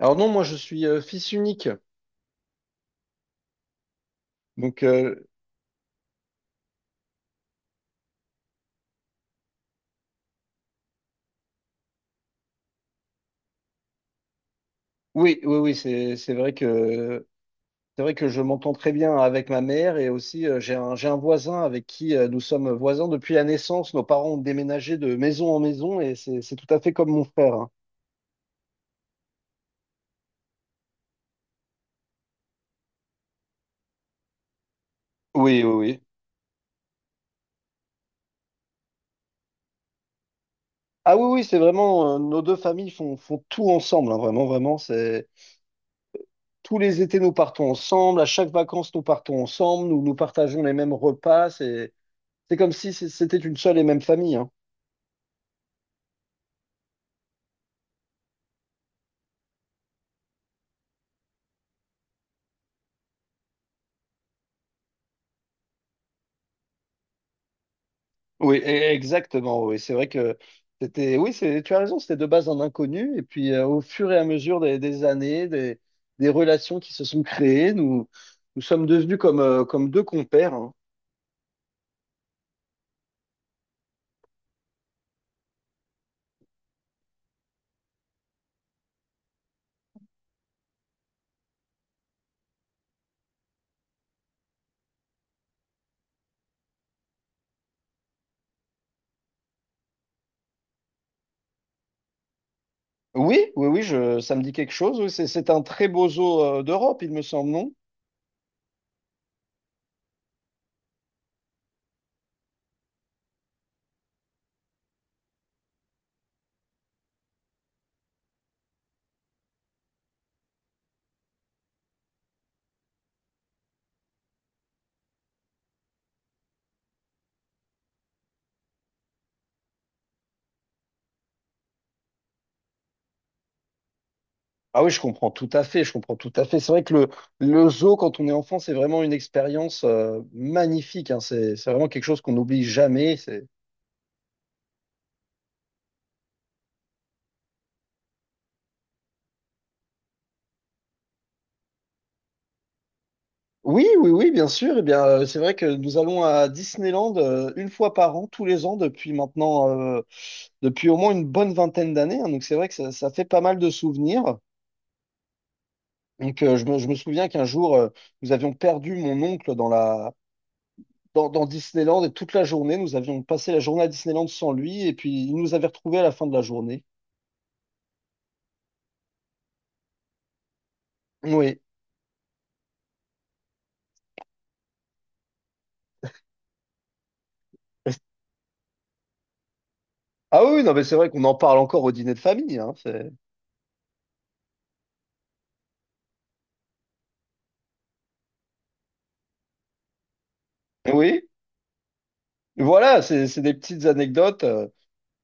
Alors non, moi je suis fils unique. Donc euh, oui, oui, oui, c'est vrai que je m'entends très bien avec ma mère et aussi j'ai un voisin avec qui nous sommes voisins depuis la naissance. Nos parents ont déménagé de maison en maison et c'est tout à fait comme mon frère, hein. Oui, oui, oui. Ah oui, oui, c'est vraiment nos deux familles font tout ensemble, hein, vraiment, vraiment. C'est tous les étés nous partons ensemble. À chaque vacances nous partons ensemble. Nous nous partageons les mêmes repas. C'est comme si c'était une seule et même famille, hein. Oui, exactement. Oui, c'est vrai que c'était. Oui, c'est. Tu as raison. C'était de base un inconnu, et puis au fur et à mesure des années, des relations qui se sont créées, nous sommes devenus comme deux compères, hein. Oui, oui, oui. Ça me dit quelque chose. Oui, c'est un très beau zoo d'Europe, il me semble, non? Ah oui, je comprends tout à fait. Je comprends tout à fait. C'est vrai que le zoo quand on est enfant, c'est vraiment une expérience magnifique, hein. C'est vraiment quelque chose qu'on n'oublie jamais. Oui, oui, oui, bien sûr. Eh bien, c'est vrai que nous allons à Disneyland une fois par an, tous les ans, depuis maintenant, euh, depuis au moins une bonne vingtaine d'années, hein. Donc, c'est vrai que ça fait pas mal de souvenirs. Je me souviens qu'un jour, nous avions perdu mon oncle dans Disneyland et toute la journée, nous avions passé la journée à Disneyland sans lui et puis il nous avait retrouvés à la fin de la journée. Oui. Ah oui, oui, non, mais c'est vrai qu'on en parle encore au dîner de famille. Hein, c'est... Oui, voilà, c'est des petites anecdotes.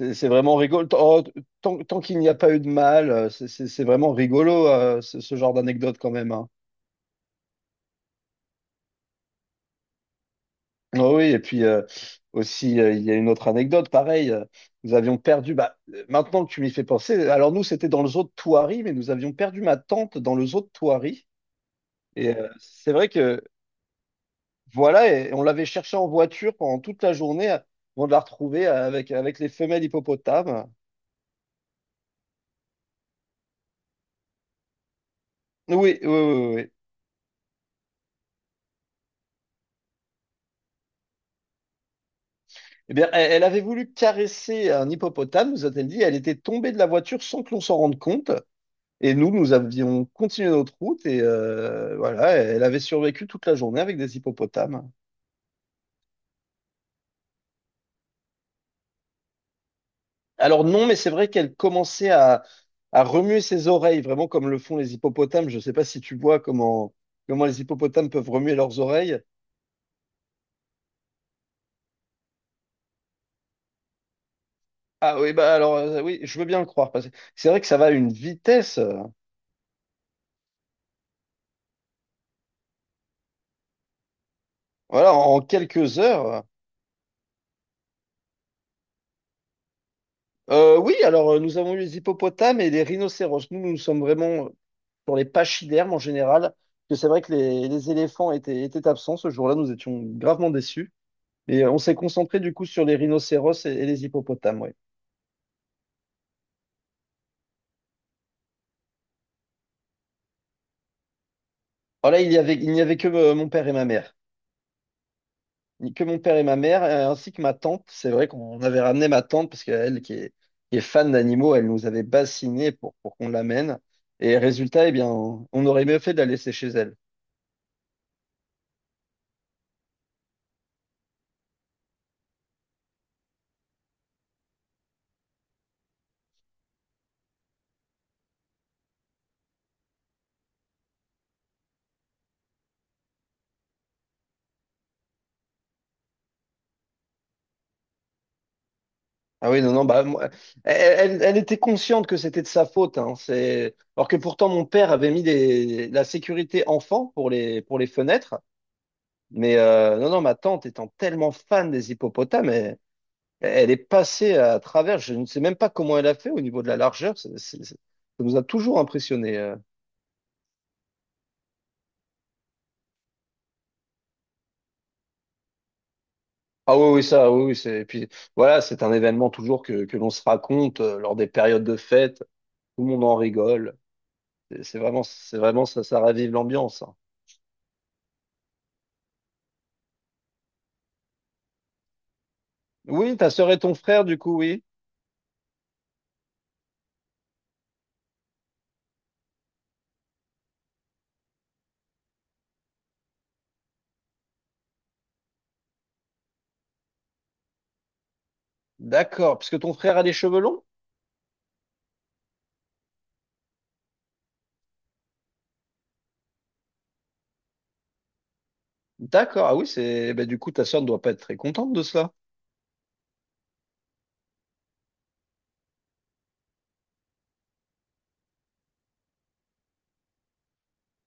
C'est vraiment rigolo. Oh, tant qu'il n'y a pas eu de mal, c'est vraiment rigolo, ce genre d'anecdote quand même, hein. Ah oui, et puis aussi, il y a une autre anecdote, pareil, nous avions perdu, maintenant que tu m'y fais penser, alors nous, c'était dans le zoo de Thoiry, mais nous avions perdu ma tante dans le zoo de Thoiry. Et c'est vrai que, voilà, et on l'avait cherchée en voiture pendant toute la journée avant de la retrouver avec les femelles hippopotames. Oui, oui, oui, oui, oui. Eh bien, elle avait voulu caresser un hippopotame, nous a-t-elle dit. Elle était tombée de la voiture sans que l'on s'en rende compte. Et nous, nous avions continué notre route et voilà, elle avait survécu toute la journée avec des hippopotames. Alors non, mais c'est vrai qu'elle commençait à remuer ses oreilles, vraiment comme le font les hippopotames. Je ne sais pas si tu vois comment les hippopotames peuvent remuer leurs oreilles. Ah oui, bah oui, je veux bien le croire, parce que c'est vrai que ça va à une vitesse. Voilà, en quelques heures. Oui, nous avons eu les hippopotames et les rhinocéros. Nous sommes vraiment pour les pachydermes en général. Parce que c'est vrai que les éléphants étaient absents ce jour-là, nous étions gravement déçus. Et on s'est concentré du coup sur les rhinocéros et les hippopotames. Ouais. Alors là, il n'y avait que mon père et ma mère. Que mon père et ma mère, ainsi que ma tante. C'est vrai qu'on avait ramené ma tante parce qu'elle, qui est fan d'animaux, elle nous avait bassiné pour qu'on l'amène. Et résultat, eh bien, on aurait mieux fait de la laisser chez elle. Ah oui, non, non, elle était consciente que c'était de sa faute, hein, c'est... Alors que pourtant, mon père avait mis des... la sécurité enfant pour pour les fenêtres. Mais non, non, ma tante étant tellement fan des hippopotames, elle, elle est passée à travers. Je ne sais même pas comment elle a fait au niveau de la largeur. Ça nous a toujours impressionnés. Ah oui, oui, ça, oui, oui. Et puis voilà, c'est un événement toujours que l'on se raconte lors des périodes de fête. Tout le monde en rigole. C'est vraiment, c'est vraiment, ça ravive l'ambiance, hein. Oui, ta sœur et ton frère, du coup, oui. D'accord. Parce que ton frère a des cheveux longs? D'accord. Ah oui, c'est, eh ben, du coup, ta sœur ne doit pas être très contente de cela.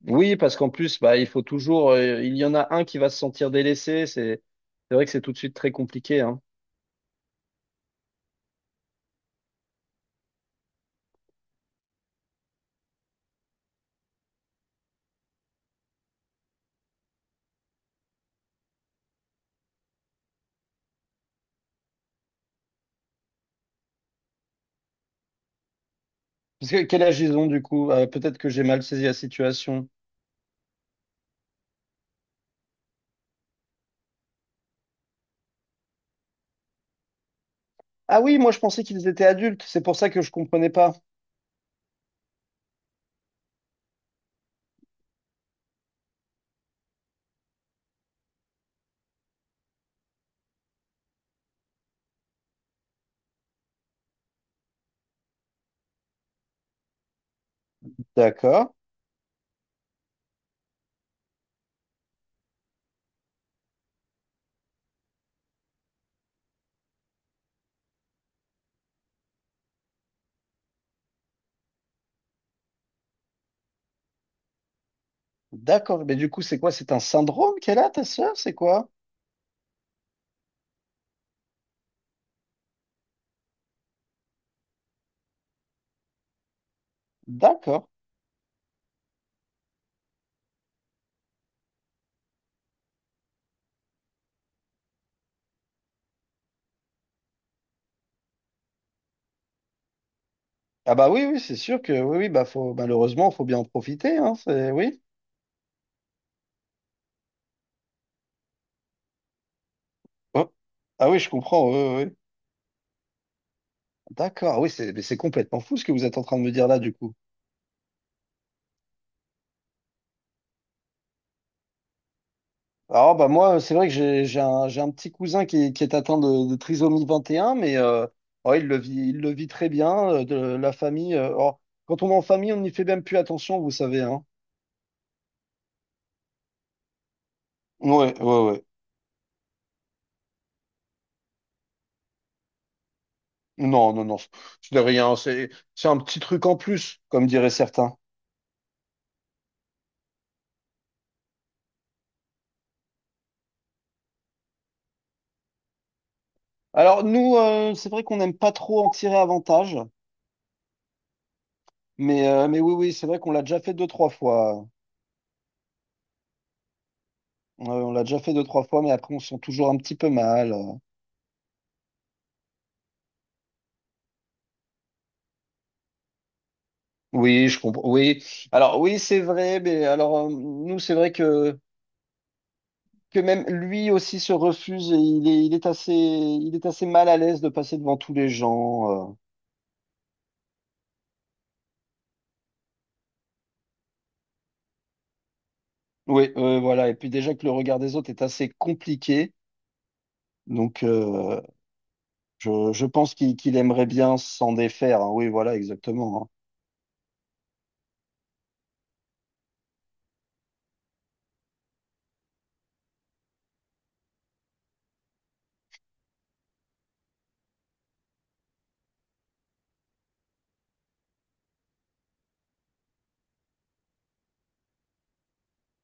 Oui, parce qu'en plus, bah, il faut toujours, il y en a un qui va se sentir délaissé. C'est vrai que c'est tout de suite très compliqué, hein. Parce que quel âge ils ont, du coup? Peut-être que j'ai mal saisi la situation. Ah oui, moi, je pensais qu'ils étaient adultes. C'est pour ça que je comprenais pas. D'accord. D'accord. Mais du coup, c'est quoi? C'est un syndrome qu'elle a, ta sœur? C'est quoi? D'accord. Ah bah oui, oui, c'est sûr que oui, oui, bah faut malheureusement, faut bien en profiter, hein. C'est oui. Oh. Ah oui, je comprends. Oui, oui, oui. D'accord. Ah oui, c'est mais c'est complètement fou ce que vous êtes en train de me dire là, du coup. Alors bah moi, c'est vrai que j'ai un petit cousin qui est atteint de trisomie 21, mais oh, il le vit très bien. De la famille. Oh, quand on est en famille, on n'y fait même plus attention, vous savez, hein. Ouais, ouais, ouais. Non, non, non, c'est de rien. C'est un petit truc en plus, comme diraient certains. Alors, c'est vrai qu'on n'aime pas trop en tirer avantage, mais oui, oui, c'est vrai qu'on l'a déjà fait deux, trois fois. On l'a déjà fait deux, trois fois, mais après, on se sent toujours un petit peu mal. Oui, je comprends. Oui. Alors, oui, c'est vrai, mais alors, nous, c'est vrai que même lui aussi se refuse et il est assez mal à l'aise de passer devant tous les gens. Oui, voilà. Et puis, déjà que le regard des autres est assez compliqué. Donc, euh, je pense qu'il aimerait bien s'en défaire, hein. Oui, voilà, exactement, hein.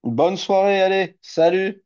Bonne soirée, allez, salut!